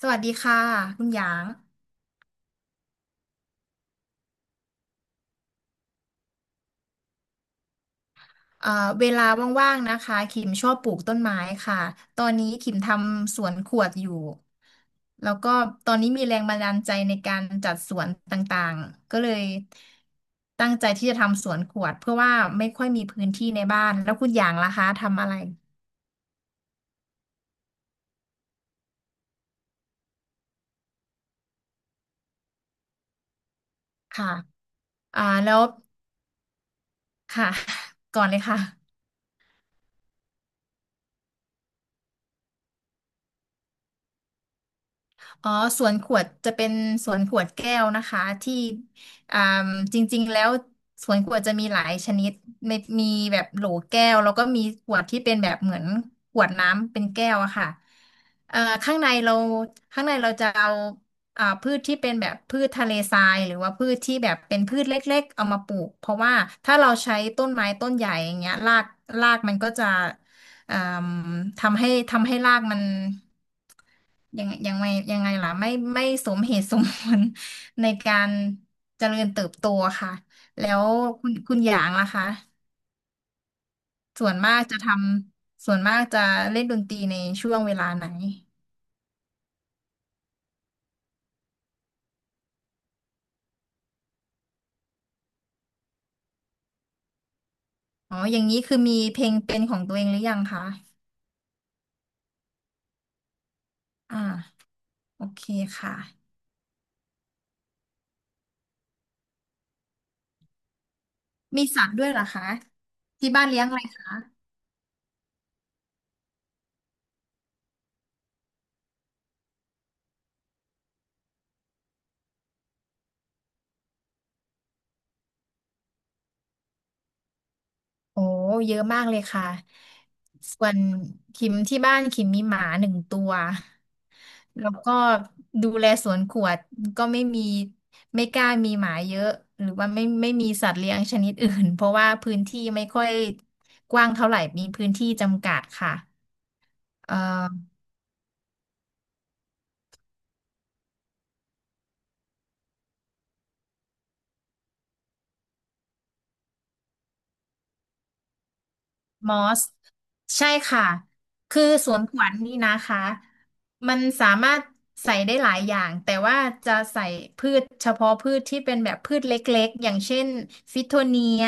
สวัสดีค่ะคุณหยางเอ่อเวลาว่างๆนะคะคิมชอบปลูกต้นไม้ค่ะตอนนี้คิมทำสวนขวดอยู่ แล้วก็ตอนนี้มีแรงบันดาลใจในการจัดสวนต่างๆ ก็เลยตั้งใจที่จะทำสวนขวดเพื่อว่าไม่ค่อยมีพื้นที่ในบ้านแล้วคุณหยางล่ะคะทำอะไรค่ะอ่าแล้วค่ะ ก่อนเลยค่ะ อ๋อสวนขวดจะเป็นสวนขวดแก้วนะคะที่อ่าจริงๆแล้วสวนขวดจะมีหลายชนิดมีมีแบบโหลแก้วแล้วก็มีขวดที่เป็นแบบเหมือนขวดน้ำเป็นแก้วอะค่ะข้างในเราข้างในเราจะเอาพืชที่เป็นแบบพืชทะเลทรายหรือว่าพืชที่แบบเป็นพืชเล็กๆเอามาปลูกเพราะว่าถ้าเราใช้ต้นไม้ต้นใหญ่อย่างเงี้ยรากรากมันก็จะเอ่าทำให้รากมัน ยังยังไงยังไงล่ะไม่สมเหตุสมผล ในการเจริญเติบโตค่ะแล้วคุณหยางล่ะคะส่วนมากจะทส่วนมากจะเล่นดนตรีในช่วงเวลาไหนอ๋ออย่างนี้คือมีเพลงเป็นของตัวเองหรือยังคะอ่าโอเคค่ะมีสัตว์ด้วยเหรอคะที่บ้านเลี้ยงอะไรคะ โอ้เยอะมากเลยค่ะส่วนคิมที่บ้านคิมมีหมาหนึ่งตัวแล้วก็ดูแลสวนขวดก็ไม่มีไม่กล้ามีหมาเยอะหรือว่าไม่มีสัตว์เลี้ยงชนิดอื่นเพราะว่าพื้นที่ไม่ค่อยกว้างเท่าไหร่มีพื้นที่จำกัดค่ะเอ่อ มอสใช่ค่ะคือสวนขวัญนี่นะคะมันสามารถใส่ได้หลายอย่างแต่ว่าจะใส่พืชเฉพาะพืชที่เป็นแบบพืชเล็กๆอย่างเช่นฟิโทเนีย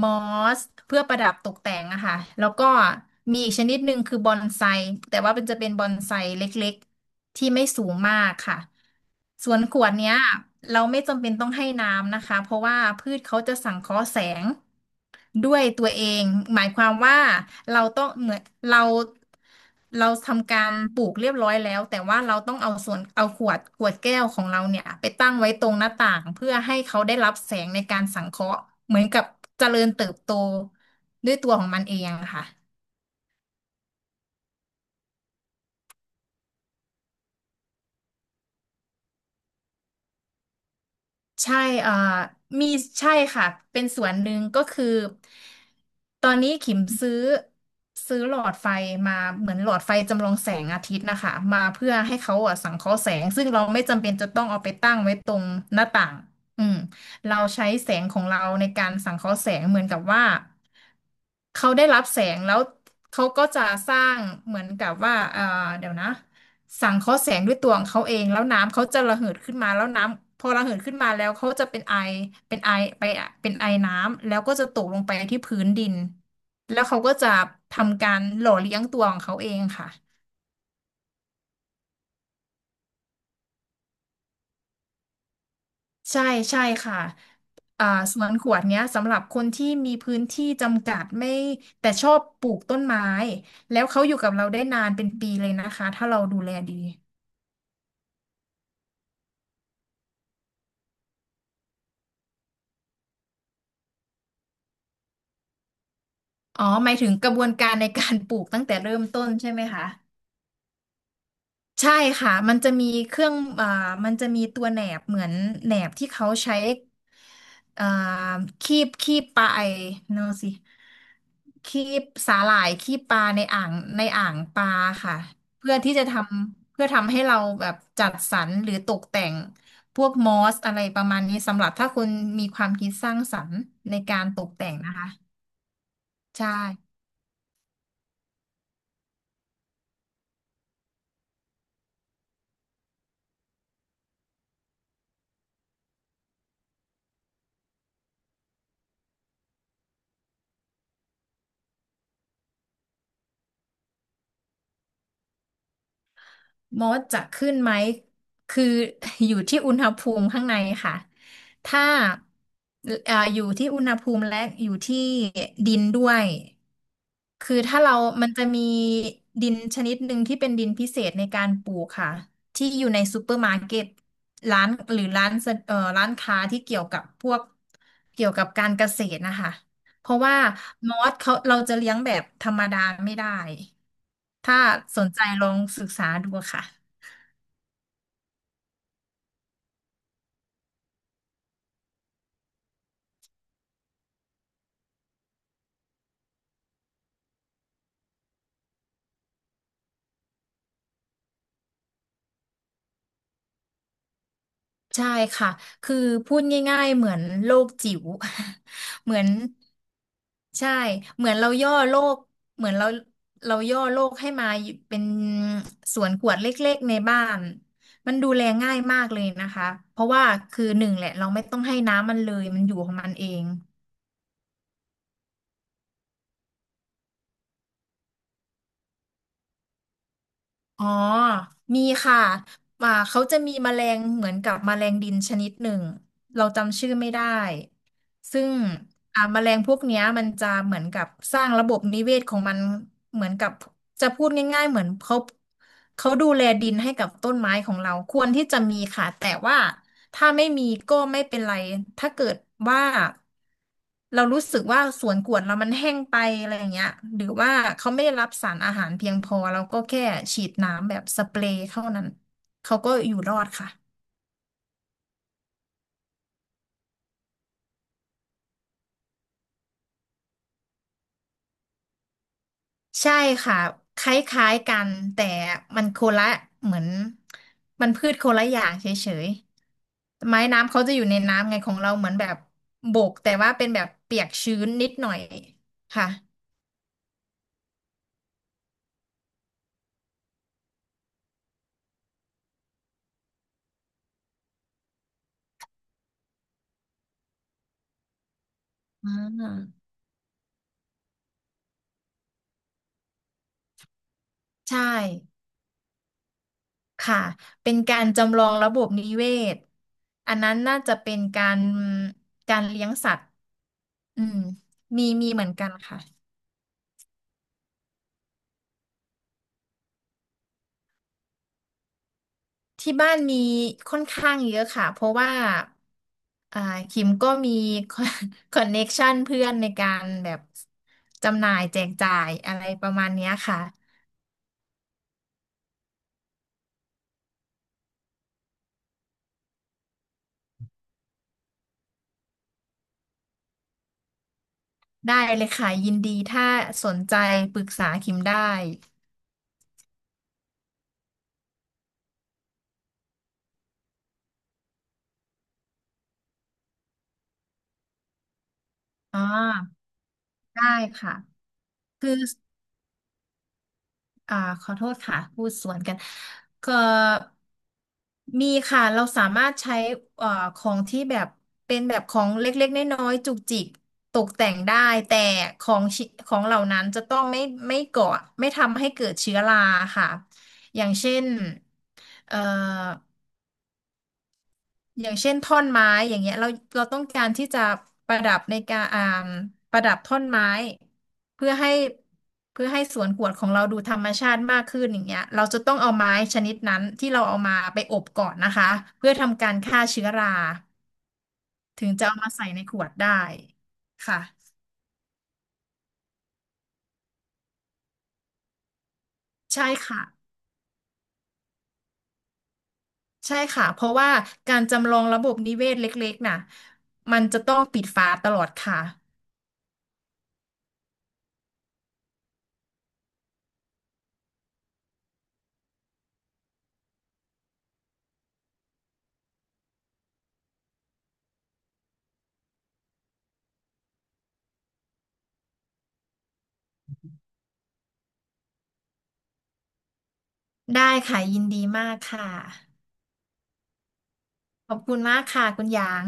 มอสเพื่อประดับตกแต่งอะค่ะแล้วก็มีอีกชนิดหนึ่งคือบอนไซแต่ว่ามันจะเป็นบอนไซเล็กๆที่ไม่สูงมากค่ะสวนขวดเนี้ยเราไม่จำเป็นต้องให้น้ำนะคะเพราะว่าพืชเขาจะสังเคราะห์แสง ด้วยตัวเองหมายความว่าเราต้องเหมือนเราเราทำการปลูกเรียบร้อยแล้วแต่ว่าเราต้องเอาส่วนเอาขวดแก้วของเราเนี่ยไปตั้งไว้ตรงหน้าต่างเพื่อให้เขาได้รับแสงในการสังเคราะห์เหมือนกับเจริญเติบโตด้วยตัวของมันเองอะค่ะ ใช่เอ่อมีใช่ค่ะ เป็นส่วนหนึ่งก็คือตอนนี้ขิมซื้อหลอดไฟมาเหมือนหลอดไฟจำลองแสงอาทิตย์นะคะ มาเพื่อให้เขาอ่ะสังเคราะห์แสงซึ่งเราไม่จำเป็นจะต้องเอาไปตั้งไว้ตรงหน้าต่าง อืมเราใช้แสงของเราในการสังเคราะห์แสงเหมือนกับว่าเขาได้รับแสงแล้วเขาก็จะสร้างเหมือนกับว่าเดี๋ยวนะ สังเคราะห์แสงด้วยตัวของเขาเองแล้วน้ำเขาจะระเหิดขึ้นมาแล้วน้ำพอระเหิดขึ้นมาแล้วเขาจะเป็นไอเป็นไอไปอะเป็นไอน้ำแล้วก็จะตกลงไปที่พื้นดินแล้วเขาก็จะทำการหล่อเลี้ยงตัวของเขาเองค่ะใช่ใช่ค่ะอ่าสวนขวดเนี้ยสำหรับคนที่มีพื้นที่จำกัดไม่แต่ชอบปลูกต้นไม้แล้วเขาอยู่กับเราได้นานเป็นปีเลยนะคะถ้าเราดูแลดีอ๋อหมายถึงกระบวนการในการปลูกตั้งแต่เริ่มต้นใช่ไหมคะ ใช่ค่ะ มันจะมีเครื่องมันจะมีตัวแหนบเหมือนแหนบที่เขาใช้อ่าคีบปลาไอเนอะสิคีบสาหร่ายคีบปลาในอ่างปลาค่ะ เพื่อที่จะทเพื่อทำให้เราแบบจัดสรรหรือตกแต่งพวกมอสอะไรประมาณนี้สำหรับถ้าคุณมีความคิดสร้างสรรค์ในการตกแต่งนะคะใช่ มดจะขึ้นไหม คือ อยู่ที่อุณหภูมิข้างในค่ะ ถ้าอยู่ที่อุณหภูมิและอยู่ที่ดินด้วย คือถ้าเรามันจะมีดินชนิดหนึ่งที่เป็นดินพิเศษในการปลูกค่ะ ที่อยู่ในซูเปอร์มาร์เก็ตร้านหรือร้านสะร้านค้าที่เกี่ยวกับพวกเกี่ยวกับการเกษตรนะคะ เพราะว่ามอสเขาเราจะเลี้ยงแบบธรรมดาไม่ได้ ถ้าสนใจลองศึกษาดูค่ะ ใช่ค่ะ คือพูดง่ายๆเหมือนโลกจิ๋ว เหมือนใช่เหมือนเราย่อโลกเหมือนเราย่อโลกให้มาอยู่เป็นสวนขวดเล็กๆในบ้าน มันดูแลง่ายมากเลยนะคะ เพราะว่าคือหนึ่งแหละเราไม่ต้องให้น้ำมันเลยมันอยู่ของมันเอง อ๋อ มีค่ะอ่าเขาจะมีแมลงเหมือนกับแมลงดินชนิดหนึ่งเราจำชื่อไม่ได้ ซึ่งแมลงพวกเนี้ยมันจะเหมือนกับสร้างระบบนิเวศของมันเหมือนกับจะพูดง่ายๆเหมือนเขาดูแลดินให้กับต้นไม้ของเราควรที่จะมีค่ะแต่ว่าถ้าไม่มีก็ไม่เป็นไรถ้าเกิดว่าเรารู้สึกว่าสวนกวนเรามันแห้งไปอะไรอย่างเงี้ยหรือว่าเขาไม่ได้รับสารอาหารเพียงพอเราก็แค่ฉีดน้ำแบบสเปรย์เท่านั้นเขาก็อยู่รอดค่ะ ใช่ค่ะคล้ายๆกันแต่มันโคนละเหมือนพืชโคนละอย่างเฉยๆไม้น้ำเขาจะอยู่ในน้ำไงของเราเหมือนแบบบกแต่ว่าเป็นแบบเปียกชื้นนิดหน่อยค่ะอ่าใช่ค่ะเป็นการจำลองระบบนิเวศอันนั้นน่าจะเป็นการเลี้ยงสัตว์อืมมีเหมือนกันค่ะ ที่บ้านมีค่อนข้างเยอะค่ะเพราะว่าอ่าคิมก็มี คอนเน็กชันเพื่อนในการแบบจำหน่ายแจกจ่ายอะไรประมาณเนี้ยค่ะได้เลยค่ะยินดีถ้าสนใจปรึกษาคิมได้อ่าได้ค่ะคือ อ่าขอโทษค่ะพูดสวนกันก็มีค่ะเราสามารถใช้เอ่อของที่แบบเป็นแบบของเล็กๆน้อยๆจุกจิกตกแต่งได้แต่ของชิของเหล่านั้นจะต้องไม่ไม่ก่อไม่ทำให้เกิดเชื้อราค่ะอย่างเช่นเอ่อ อย่างเช่นท่อนไม้อย่างเงี้ยเราต้องการที่จะประดับในการประดับท่อนไม้เพื่อให้เพื่อให้สวนกวดของเราดูธรรมชาติมากขึ้นอย่างเงี้ยเราจะต้องเอาไม้ชนิดนั้นที่เราเอามาไปอบก่อนนะคะเพื่อทำการฆ่าเชื้อราถึงจะเอามาใส่ในขวดได้ค่ะใช่ค่ะใช่ค่ะเพราะว่าการจำลองระบบนิเวศเล็กๆน่ะมันจะต้องปิดฝาตลอดค่ะได้ค่ะยินดีมากค่ะขอบคุณมากค่ะคุณหยาง